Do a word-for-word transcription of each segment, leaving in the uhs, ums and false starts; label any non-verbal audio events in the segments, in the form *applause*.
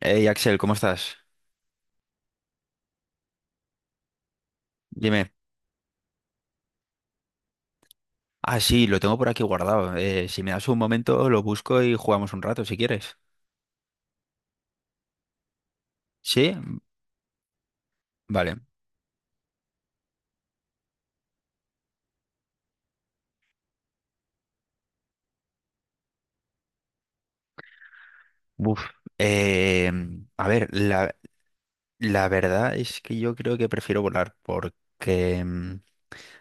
Hey Axel, ¿cómo estás? Dime. Ah, sí, lo tengo por aquí guardado. Eh, si me das un momento, lo busco y jugamos un rato si quieres. ¿Sí? Vale. Uf. Eh, a ver, la, la verdad es que yo creo que prefiero volar porque mm,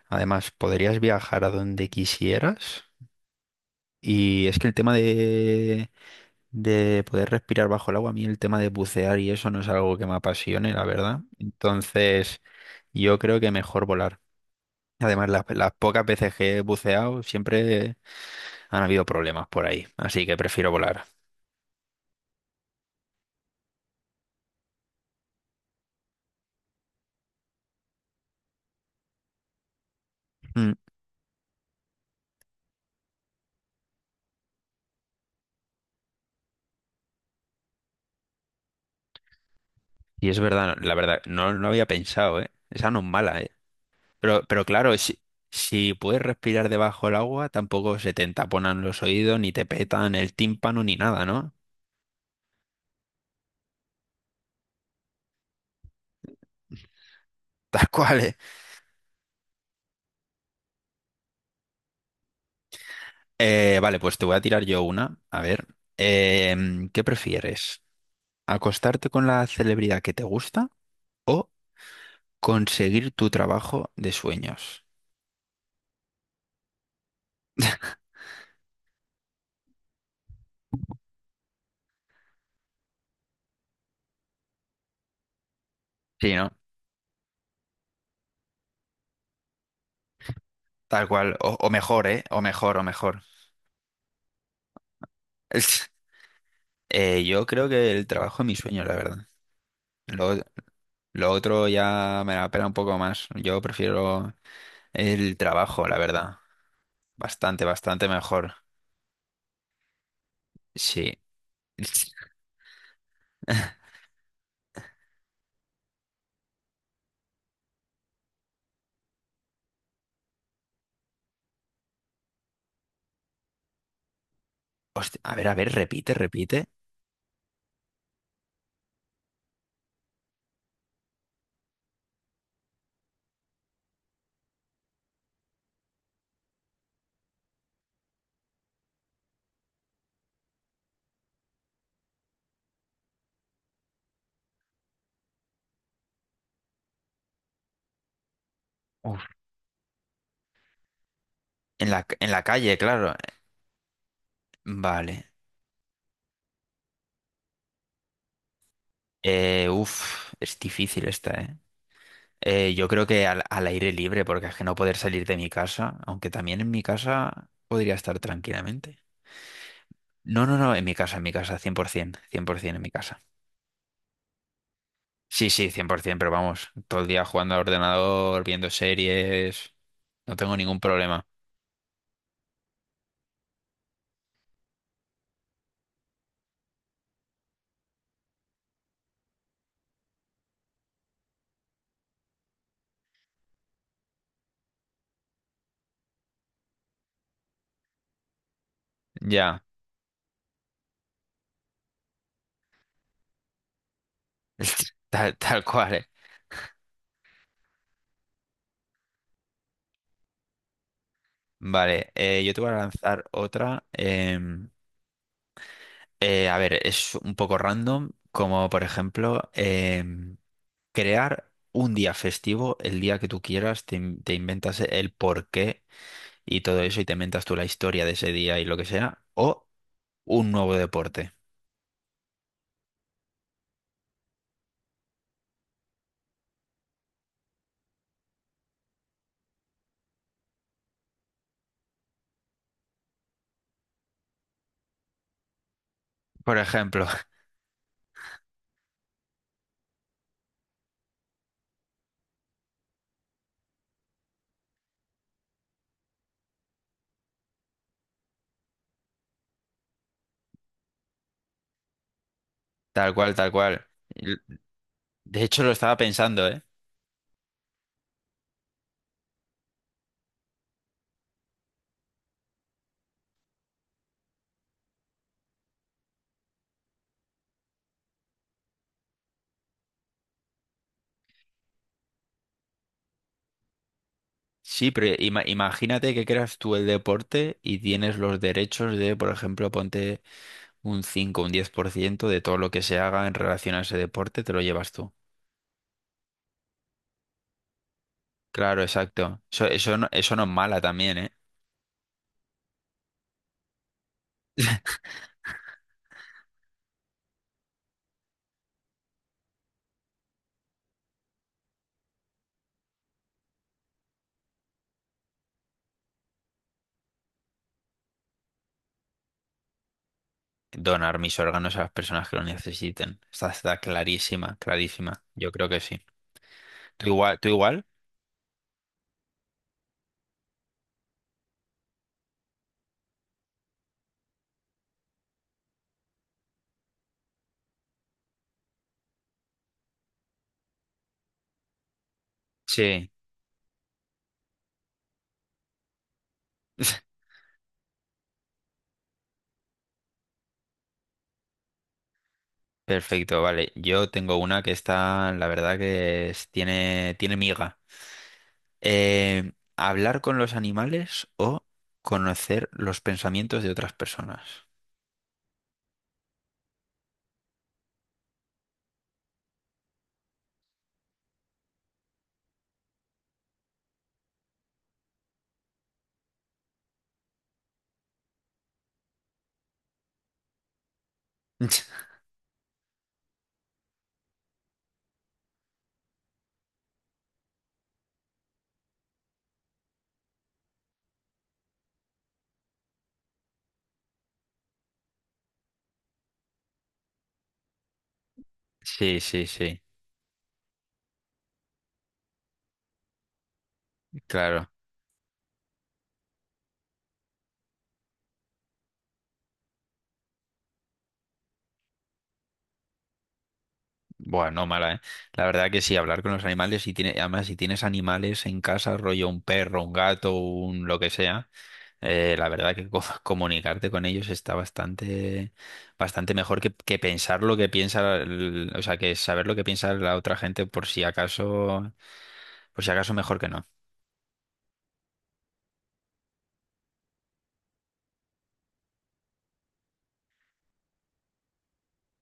además podrías viajar a donde quisieras. Y es que el tema de, de poder respirar bajo el agua, a mí el tema de bucear y eso no es algo que me apasione, la verdad. Entonces, yo creo que mejor volar. Además, las, las pocas veces que he buceado siempre han habido problemas por ahí, así que prefiero volar. Mm. Y es verdad, la verdad, no, no había pensado, ¿eh? Esa no es mala, ¿eh? Pero, pero claro, si, si puedes respirar debajo del agua, tampoco se te taponan los oídos, ni te petan el tímpano, ni nada, ¿no? *laughs* Tal cual, ¿eh? Eh, vale, pues te voy a tirar yo una. A ver, em, ¿qué prefieres? ¿Acostarte con la celebridad que te gusta o conseguir tu trabajo de sueños? Sí, ¿no? Tal cual, o, o mejor, ¿eh? O mejor, o mejor. *laughs* Eh, yo creo que el trabajo es mi sueño, la verdad. Lo, lo otro ya me la pela un poco más. Yo prefiero el trabajo, la verdad. Bastante, bastante mejor. Sí. *laughs* Hostia, a ver, a ver, repite, repite. Uf. En la, en la calle, claro. Vale. Eh, uf, es difícil esta, ¿eh? Eh, yo creo que al, al aire libre, porque es que no poder salir de mi casa, aunque también en mi casa podría estar tranquilamente. No, no, no, en mi casa, en mi casa, cien cien, por ciento, cien por cien por ciento en mi casa. Sí, sí, cien por ciento, pero vamos, todo el día jugando al ordenador, viendo series, no tengo ningún problema. Ya, *laughs* tal, tal cual, eh. Vale, eh, yo te voy a lanzar otra. Em, eh, a ver, es un poco random, como por ejemplo, em, crear un día festivo, el día que tú quieras, te, in- te inventas el porqué y todo eso y te inventas tú la historia de ese día y lo que sea, o un nuevo deporte. Por ejemplo, *laughs* tal cual, tal cual. L- De hecho, lo estaba pensando, ¿eh? Sí, pero ima- imagínate que creas tú el deporte y tienes los derechos de, por ejemplo, ponte un cinco un diez por ciento de todo lo que se haga en relación a ese deporte, te lo llevas tú. Claro, exacto. Eso, eso no, eso no es mala también, ¿eh? Donar mis órganos a las personas que lo necesiten. Está, está clarísima, clarísima. Yo creo que sí. ¿Tú igual? ¿Tú igual? Sí. *laughs* Perfecto, vale. Yo tengo una que está, la verdad que es- tiene, tiene miga. Eh, ¿hablar con los animales o conocer los pensamientos de otras personas? *laughs* Sí, sí, sí, claro. Bueno, mala, ¿eh? La verdad que sí, hablar con los animales, y tiene, además si tienes animales en casa, rollo un perro, un gato, un lo que sea. Eh, la verdad que co- *laughs* comunicarte con ellos está bastante, bastante mejor que, que pensar lo que piensa, el- o sea, que saber lo que piensa la otra gente por si acaso, por si acaso mejor que no.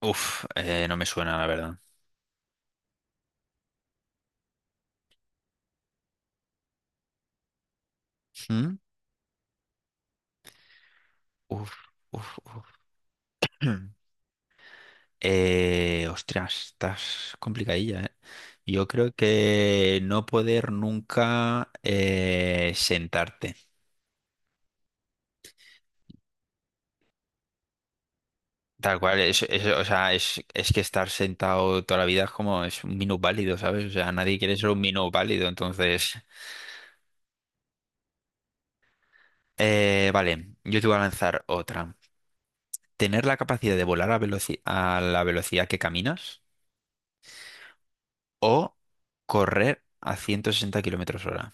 Uf, eh, no me suena, la verdad. ¿Mm? Uf, uf, uf. *clears throat* Eh, ostras, estás complicadilla, ¿eh? Yo creo que no poder nunca eh, sentarte. Tal cual, es, es- o sea, es, es que estar sentado toda la vida es como es un minusválido, válido, ¿sabes? O sea, nadie quiere ser un minusválido, válido, entonces... Eh, vale, yo te voy a lanzar otra. ¿Tener la capacidad de volar a, veloci- a la velocidad que caminas o correr a ciento sesenta kilómetros hora?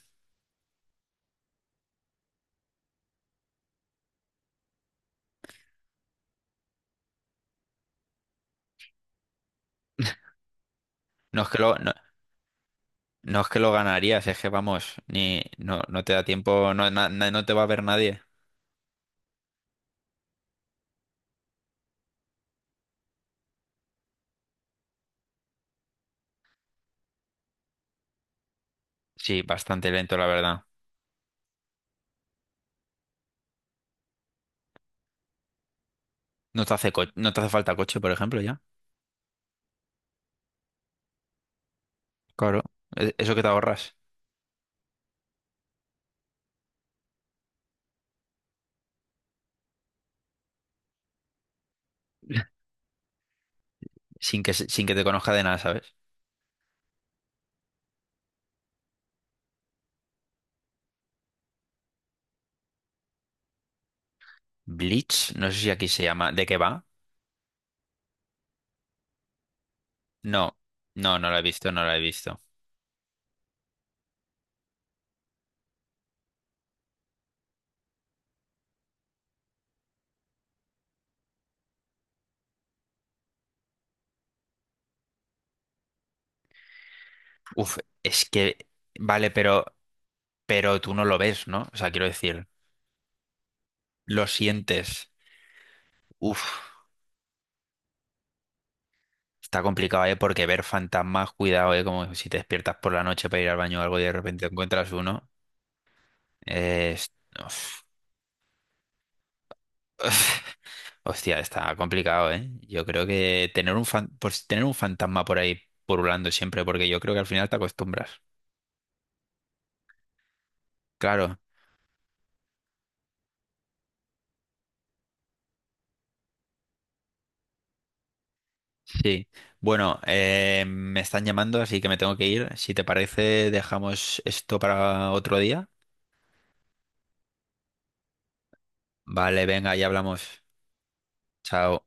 No es que lo, no, no es que lo ganarías, es que vamos, ni, no, no te da tiempo, no, na- na- no te va a ver nadie. Sí, bastante lento, la verdad. No te hace co- no te hace falta coche, por ejemplo, ya. Claro, e- eso que te ahorras. Sin que, se- sin que te conozca de nada, ¿sabes? Bleach, no sé si aquí se llama. ¿De qué va? No, no, no la he visto, no la he visto. Uf, es que, vale, pero, pero tú no lo ves, ¿no? O sea, quiero decir, lo sientes. Uf, está complicado, ¿eh? Porque ver fantasmas, cuidado, ¿eh? Como si te despiertas por la noche para ir al baño o algo y de repente encuentras uno. eh, es- Uf. *laughs* Hostia, está complicado, ¿eh? Yo creo que tener un fan- pues tener un fantasma por ahí purulando siempre, porque yo creo que al final te acostumbras. Claro, sí, bueno, eh, me están llamando, así que me tengo que ir. Si te parece, dejamos esto para otro día. Vale, venga, ya hablamos. Chao.